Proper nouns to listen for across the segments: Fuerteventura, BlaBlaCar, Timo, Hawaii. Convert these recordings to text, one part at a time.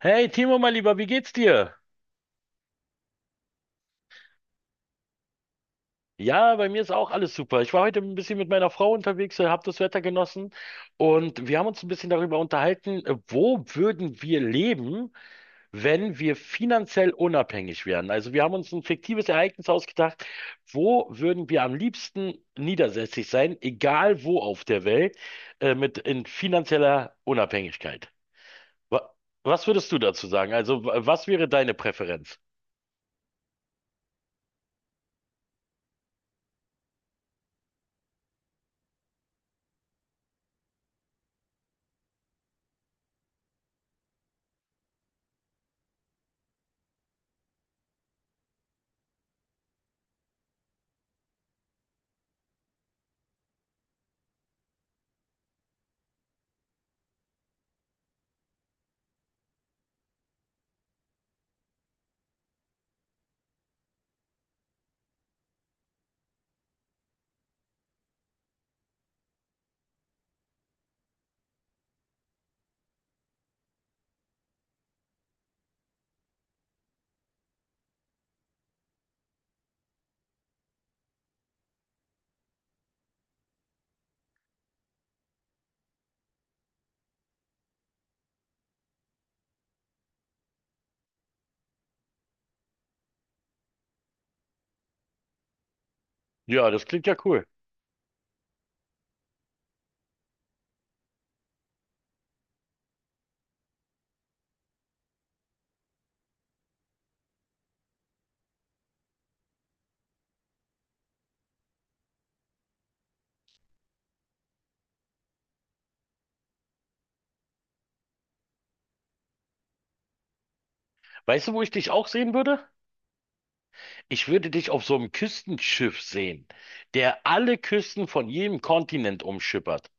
Hey Timo, mein Lieber, wie geht's dir? Ja, bei mir ist auch alles super. Ich war heute ein bisschen mit meiner Frau unterwegs, habe das Wetter genossen und wir haben uns ein bisschen darüber unterhalten, wo würden wir leben, wenn wir finanziell unabhängig wären? Also wir haben uns ein fiktives Ereignis ausgedacht, wo würden wir am liebsten niedersässig sein, egal wo auf der Welt, mit in finanzieller Unabhängigkeit. Wa- Was würdest du dazu sagen? Also was wäre deine Präferenz? Ja, das klingt ja cool. Weißt du, wo ich dich auch sehen würde? Ich würde dich auf so einem Küstenschiff sehen, der alle Küsten von jedem Kontinent umschippert.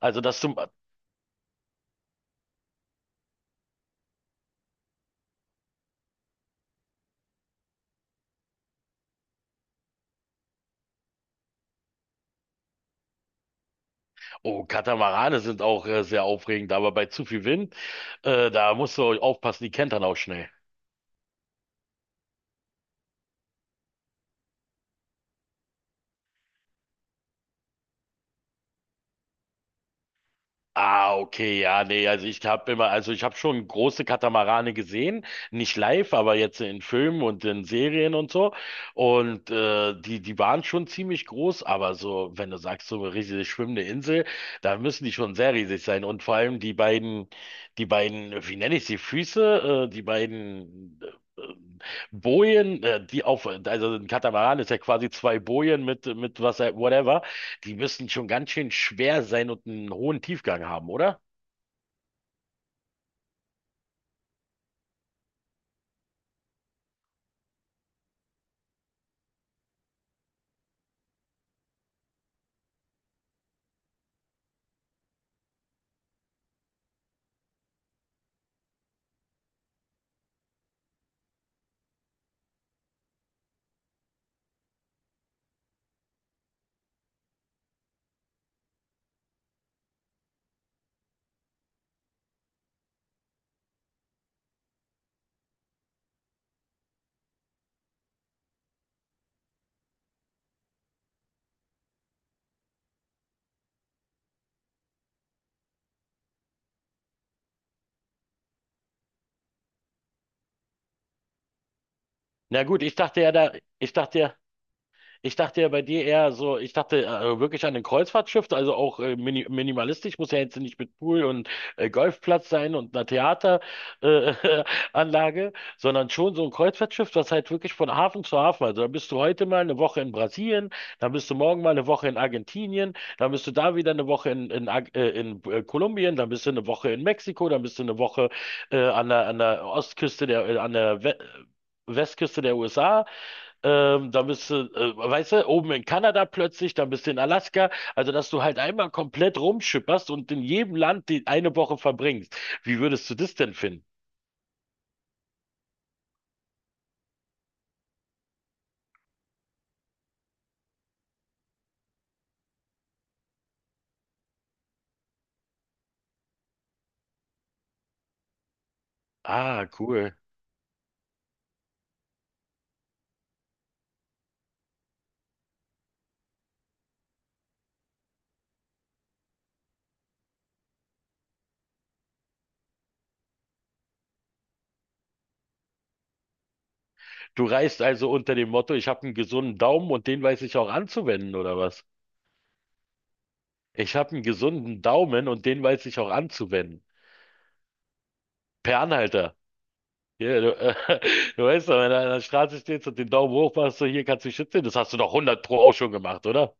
Also, dass du, oh, Katamarane sind auch sehr aufregend, aber bei zu viel Wind, da musst du aufpassen, die kentern auch schnell. Ah, okay, ja, nee, also ich habe immer, also ich habe schon große Katamarane gesehen, nicht live, aber jetzt in Filmen und in Serien und so. Und die, die waren schon ziemlich groß, aber so, wenn du sagst, so eine riesig schwimmende Insel, da müssen die schon sehr riesig sein. Und vor allem die beiden, wie nenne ich sie, Füße, die beiden äh, Bojen, die auf, also ein Katamaran ist ja quasi zwei Bojen mit was, whatever. Die müssen schon ganz schön schwer sein und einen hohen Tiefgang haben, oder? Na gut, ich dachte ja da, ich dachte ja, Ich dachte ja bei dir eher so, ich dachte wirklich an ein Kreuzfahrtschiff, also auch minimalistisch, muss ja jetzt nicht mit Pool und Golfplatz sein und einer Theateranlage, Anlage, sondern schon so ein Kreuzfahrtschiff, das halt wirklich von Hafen zu Hafen, also da bist du heute mal eine Woche in Brasilien, dann bist du morgen mal eine Woche in Argentinien, dann bist du da wieder eine Woche in Kolumbien, dann bist du eine Woche in Mexiko, dann bist du eine Woche an der Ostküste an der We Westküste der USA. Dann bist du, weißt du, oben in Kanada plötzlich, dann bist du in Alaska. Also, dass du halt einmal komplett rumschipperst und in jedem Land die eine Woche verbringst. Wie würdest du das denn finden? Ah, cool. Du reist also unter dem Motto, ich habe einen gesunden Daumen und den weiß ich auch anzuwenden, oder was? Ich habe einen gesunden Daumen und den weiß ich auch anzuwenden. Per Anhalter. Ja, du, du weißt doch, wenn du an der Straße stehst und den Daumen hoch machst, so hier kannst du dich schützen. Das hast du doch 100 Pro auch schon gemacht, oder?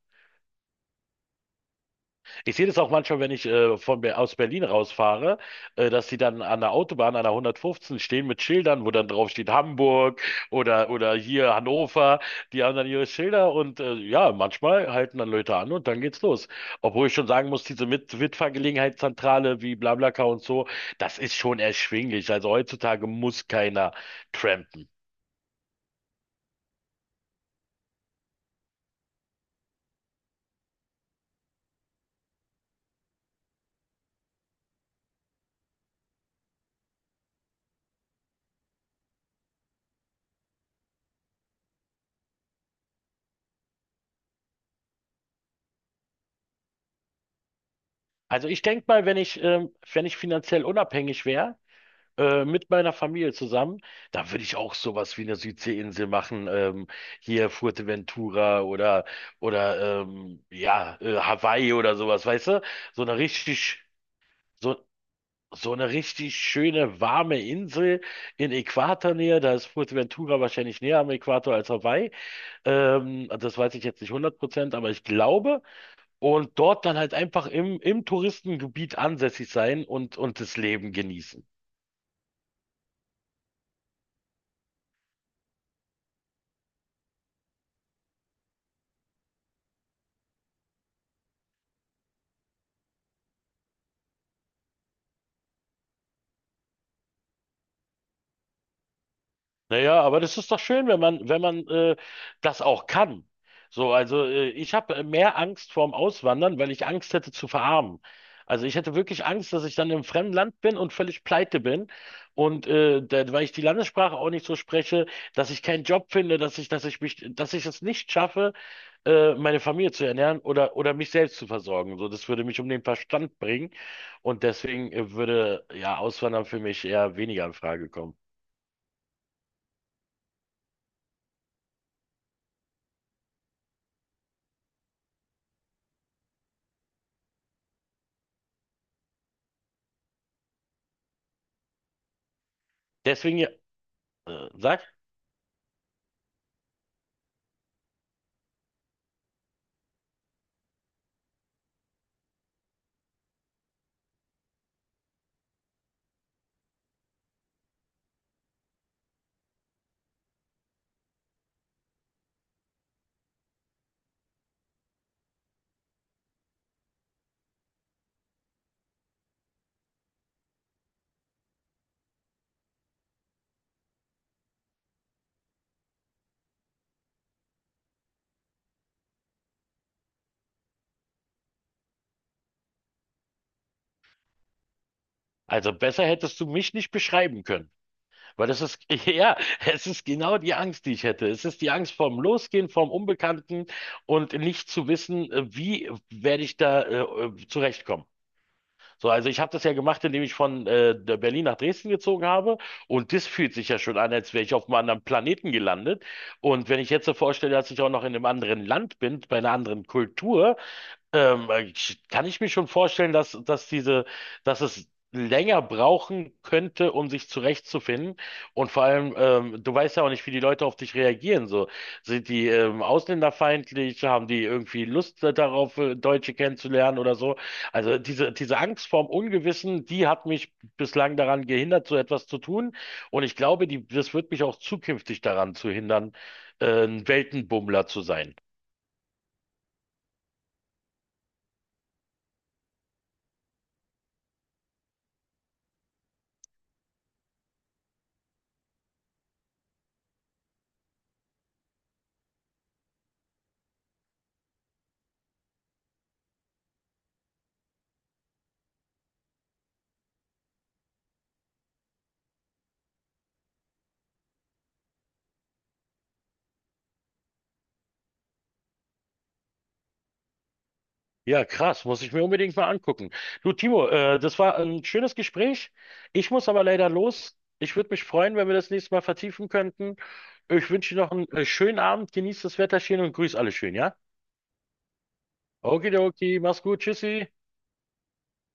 Ich sehe das auch manchmal, wenn ich von, aus Berlin rausfahre, dass sie dann an der Autobahn, an der 115 stehen mit Schildern, wo dann drauf steht Hamburg oder hier Hannover. Die haben dann ihre Schilder und ja, manchmal halten dann Leute an und dann geht's los. Obwohl ich schon sagen muss, diese Mitfahrgelegenheitszentrale wie BlaBlaCar und so, das ist schon erschwinglich. Also heutzutage muss keiner trampen. Also ich denke mal, wenn ich finanziell unabhängig wäre, mit meiner Familie zusammen, da würde ich auch sowas wie eine Südseeinsel machen, hier Fuerteventura oder Hawaii oder sowas, weißt du? So eine richtig so so eine richtig schöne warme Insel in Äquatornähe, da ist Fuerteventura wahrscheinlich näher am Äquator als Hawaii. Das weiß ich jetzt nicht hundert Prozent, aber ich glaube. Und dort dann halt einfach im, im Touristengebiet ansässig sein und das Leben genießen. Naja, aber das ist doch schön, wenn man, wenn man das auch kann. So, also ich habe mehr Angst vorm Auswandern, weil ich Angst hätte zu verarmen. Also ich hätte wirklich Angst, dass ich dann im fremden Land bin und völlig pleite bin. Und da, weil ich die Landessprache auch nicht so spreche, dass ich keinen Job finde, dass ich mich, dass ich es nicht schaffe, meine Familie zu ernähren oder mich selbst zu versorgen. So, das würde mich um den Verstand bringen. Und deswegen würde ja Auswandern für mich eher weniger in Frage kommen. Deswegen, ja, sagst Also besser hättest du mich nicht beschreiben können. Weil das ist, ja, es ist genau die Angst, die ich hätte. Es ist die Angst vorm Losgehen, vorm Unbekannten und nicht zu wissen, wie werde ich da zurechtkommen. So, also ich habe das ja gemacht, indem ich von der Berlin nach Dresden gezogen habe. Und das fühlt sich ja schon an, als wäre ich auf einem anderen Planeten gelandet. Und wenn ich jetzt so vorstelle, dass ich auch noch in einem anderen Land bin, bei einer anderen Kultur, kann ich mir schon vorstellen, dass, dass diese, dass es länger brauchen könnte, um sich zurechtzufinden. Und vor allem, du weißt ja auch nicht, wie die Leute auf dich reagieren. So, sind die ausländerfeindlich? Haben die irgendwie Lust darauf, Deutsche kennenzulernen oder so? Also diese, diese Angst vorm Ungewissen, die hat mich bislang daran gehindert, so etwas zu tun. Und ich glaube, die, das wird mich auch zukünftig daran zu hindern, ein Weltenbummler zu sein. Ja, krass, muss ich mir unbedingt mal angucken. Du, Timo, das war ein schönes Gespräch. Ich muss aber leider los. Ich würde mich freuen, wenn wir das nächste Mal vertiefen könnten. Ich wünsche dir noch einen schönen Abend, genieß das Wetter schön und grüß alle schön, ja? Okidoki, mach's gut, tschüssi.